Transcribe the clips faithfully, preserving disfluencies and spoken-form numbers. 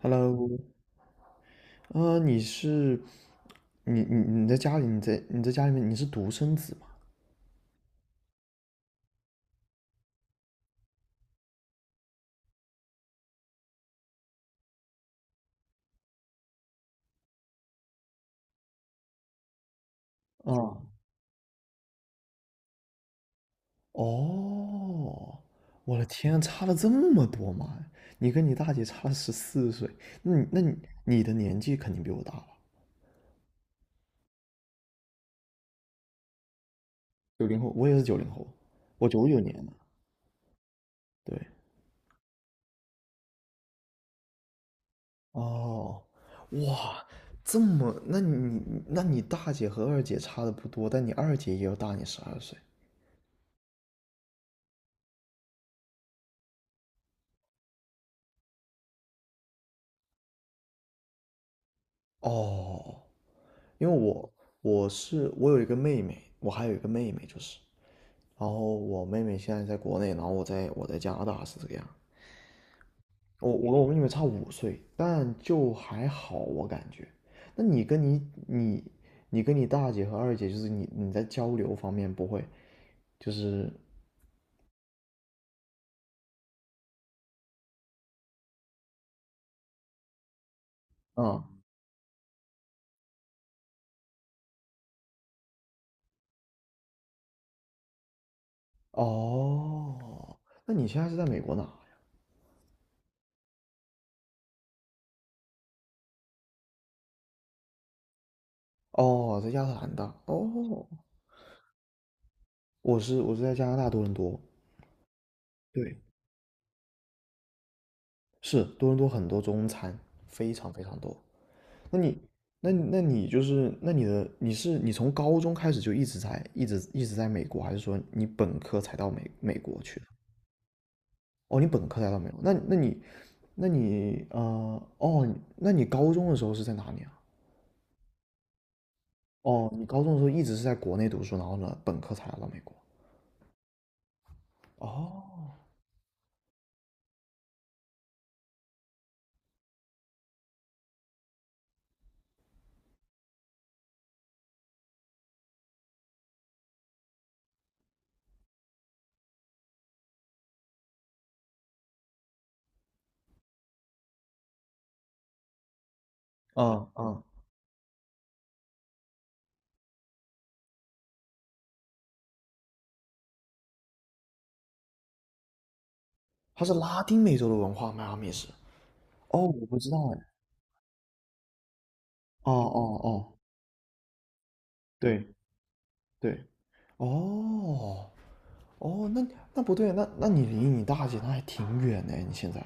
Hello，啊、你是你你你在家里，你在你在家里面你是独生子吗？啊、哦，我的天啊，差了这么多吗？你跟你大姐差了十四岁，那你那你你的年纪肯定比我大了。九零后，我也是九零后，我九九年的，对，哦，哇，这么，那你那你大姐和二姐差的不多，但你二姐也要大你十二岁，哦，因为我我是我有一个妹妹，我还有一个妹妹就是，然后我妹妹现在在国内，然后我在我在加拿大是这个样。我我跟我妹妹差五岁，但就还好，我感觉。那你跟你你你跟你大姐和二姐，就是你你在交流方面不会，就是嗯。哦，那你现在是在美国哪呀？哦，在亚特兰大。哦，我是我是在加拿大多伦多。对，是多伦多很多中餐，非常非常多。那你，那你那你就是，那你的你是你从高中开始就一直在一直一直在美国，还是说你本科才到美美国去的？哦，你本科才到美国，那那你，那你呃，哦，那你高中的时候是在哪里啊？哦，你高中的时候一直是在国内读书，然后呢，本科才来到美国。哦，嗯嗯，它是拉丁美洲的文化，迈阿密是。哦，我不知道哎。哦哦哦，对对，哦，哦，那那不对，那那你离你大姐那还挺远呢，你现在。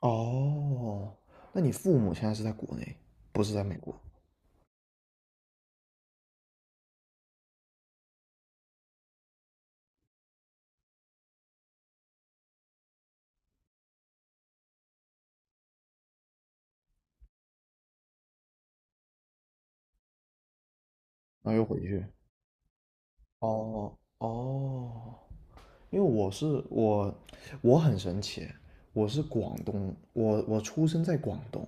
哦，那你父母现在是在国内，不是在美国，那又回去。哦哦，因为我是我，我很神奇，我是广东，我我出生在广东，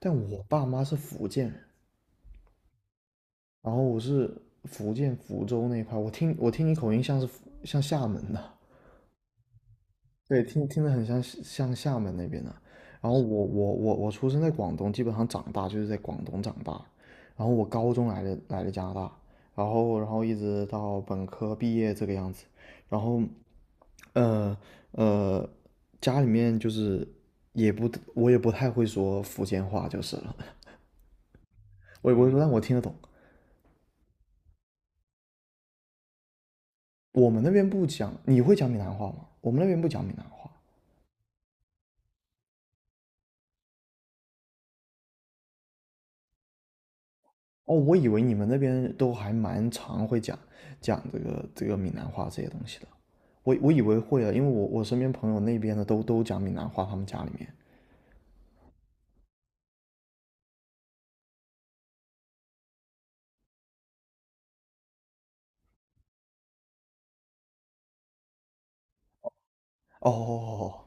但我爸妈是福建人，然后我是福建福州那一块，我听我听你口音像是福像厦门的，对，听听着很像像厦门那边的。然后我我我我出生在广东，基本上长大就是在广东长大。然后我高中来的来的加拿大，然后然后一直到本科毕业这个样子。然后，呃呃，家里面就是也不我也不太会说福建话就是了，我也不会说，但我听得懂。我们那边不讲，你会讲闽南话吗？我们那边不讲闽南话。哦，我以为你们那边都还蛮常会讲讲这个这个闽南话这些东西的，我我以为会啊，因为我我身边朋友那边的都都讲闽南话，他们家里面。哦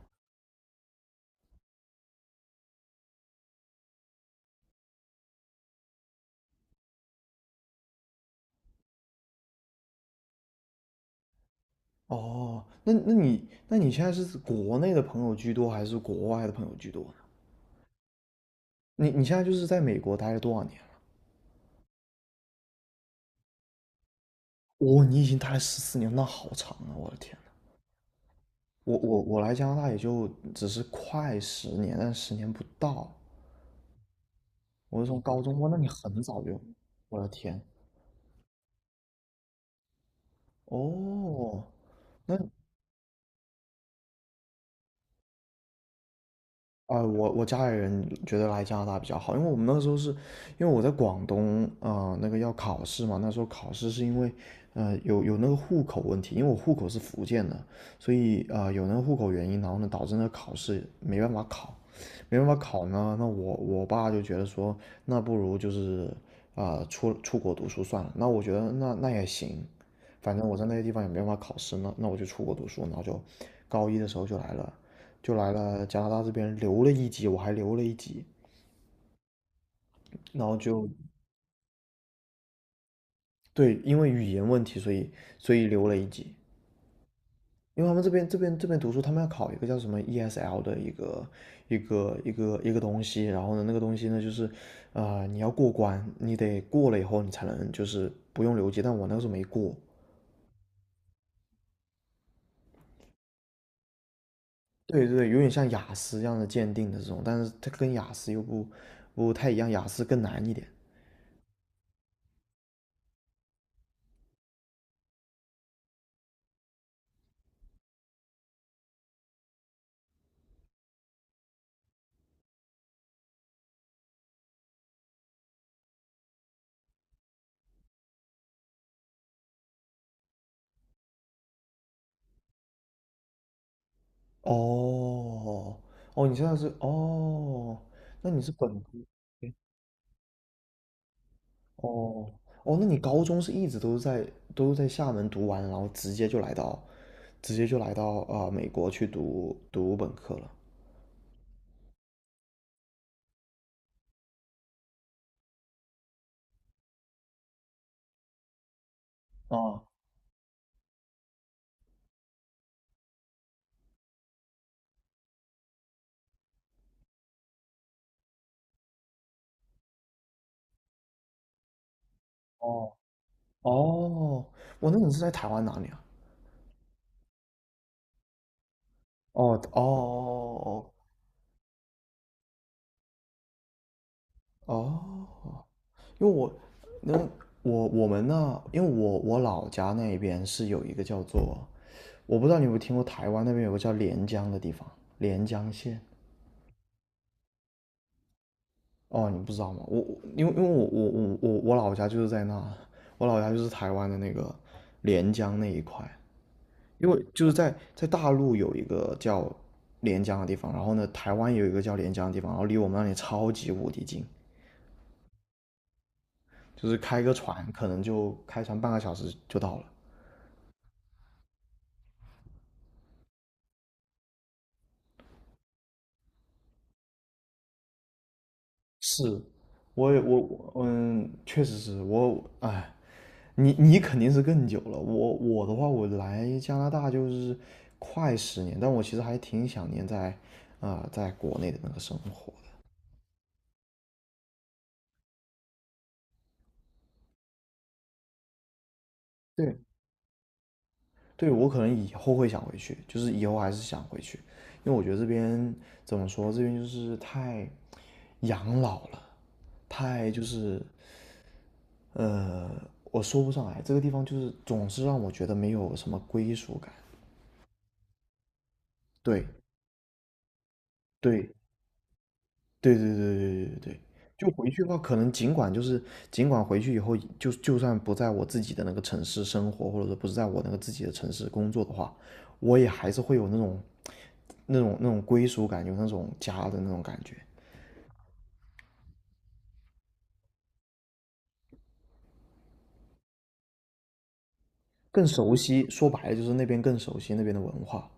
哦，哦那那你那你现在是国内的朋友居多，还是国外的朋友居多呢？你你现在就是在美国待了多少年了？哦，你已经待了十四年，那好长啊！我的天呐，我我我来加拿大也就只是快十年，但十年不到。我是从高中，哇，那你很早就，我的天，哦，那啊、我我家里人觉得来加拿大比较好，因为我们那个时候是，因为我在广东啊、呃那个要考试嘛，那时候考试是因为，呃，有有那个户口问题，因为我户口是福建的，所以啊、呃有那个户口原因，然后呢，导致那个考试没办法考，没办法考呢，那我我爸就觉得说，那不如就是啊、呃出出国读书算了，那我觉得那那也行，反正我在那些地方也没办法考试呢，那我就出国读书，然后就高一的时候就来了，就来了加拿大这边留了一级，我还留了一级，然后就对，因为语言问题，所以所以留了一级，因为他们这边这边这边读书，他们要考一个叫什么 E S L 的一个一个一个一个东西，然后呢，那个东西呢就是，啊你要过关，你得过了以后你才能就是不用留级，但我那个时候没过，对对有点像雅思一样的鉴定的这种，但是它跟雅思又不不太一样，雅思更难一点。哦哦，你现在是哦，那你是本科诶哦哦，那你高中是一直都是在都是在厦门读完，然后直接就来到直接就来到啊、呃美国去读读本科了。哦哦哦，我那你是在台湾哪里啊？哦哦哦哦哦。因为我，那我我们那，因为我我老家那边是有一个叫做，我不知道你有没有听过台湾那边有个叫连江的地方，连江县。哦，你不知道吗？我我因为因为我我我我我老家就是在那，我老家就是台湾的那个连江那一块，因为就是在在大陆有一个叫连江的地方，然后呢，台湾有一个叫连江的地方，然后离我们那里超级无敌近，就是开个船可能就开船半个小时就到了。是，我也我我嗯，确实是我，哎，你你肯定是更久了。我我的话，我来加拿大就是快十年，但我其实还挺想念在啊、呃在国内的那个生活的。对，对我可能以后会想回去，就是以后还是想回去，因为我觉得这边怎么说，这边就是太养老了，太就是呃，我说不上来，这个地方就是总是让我觉得没有什么归属感。对对，对对对对对对，就回去的话，可能尽管就是尽管回去以后，就就算不在我自己的那个城市生活，或者说不是在我那个自己的城市工作的话，我也还是会有那种那种那种归属感，有那种家的那种感觉，更熟悉。说白了就是那边更熟悉那边的文化。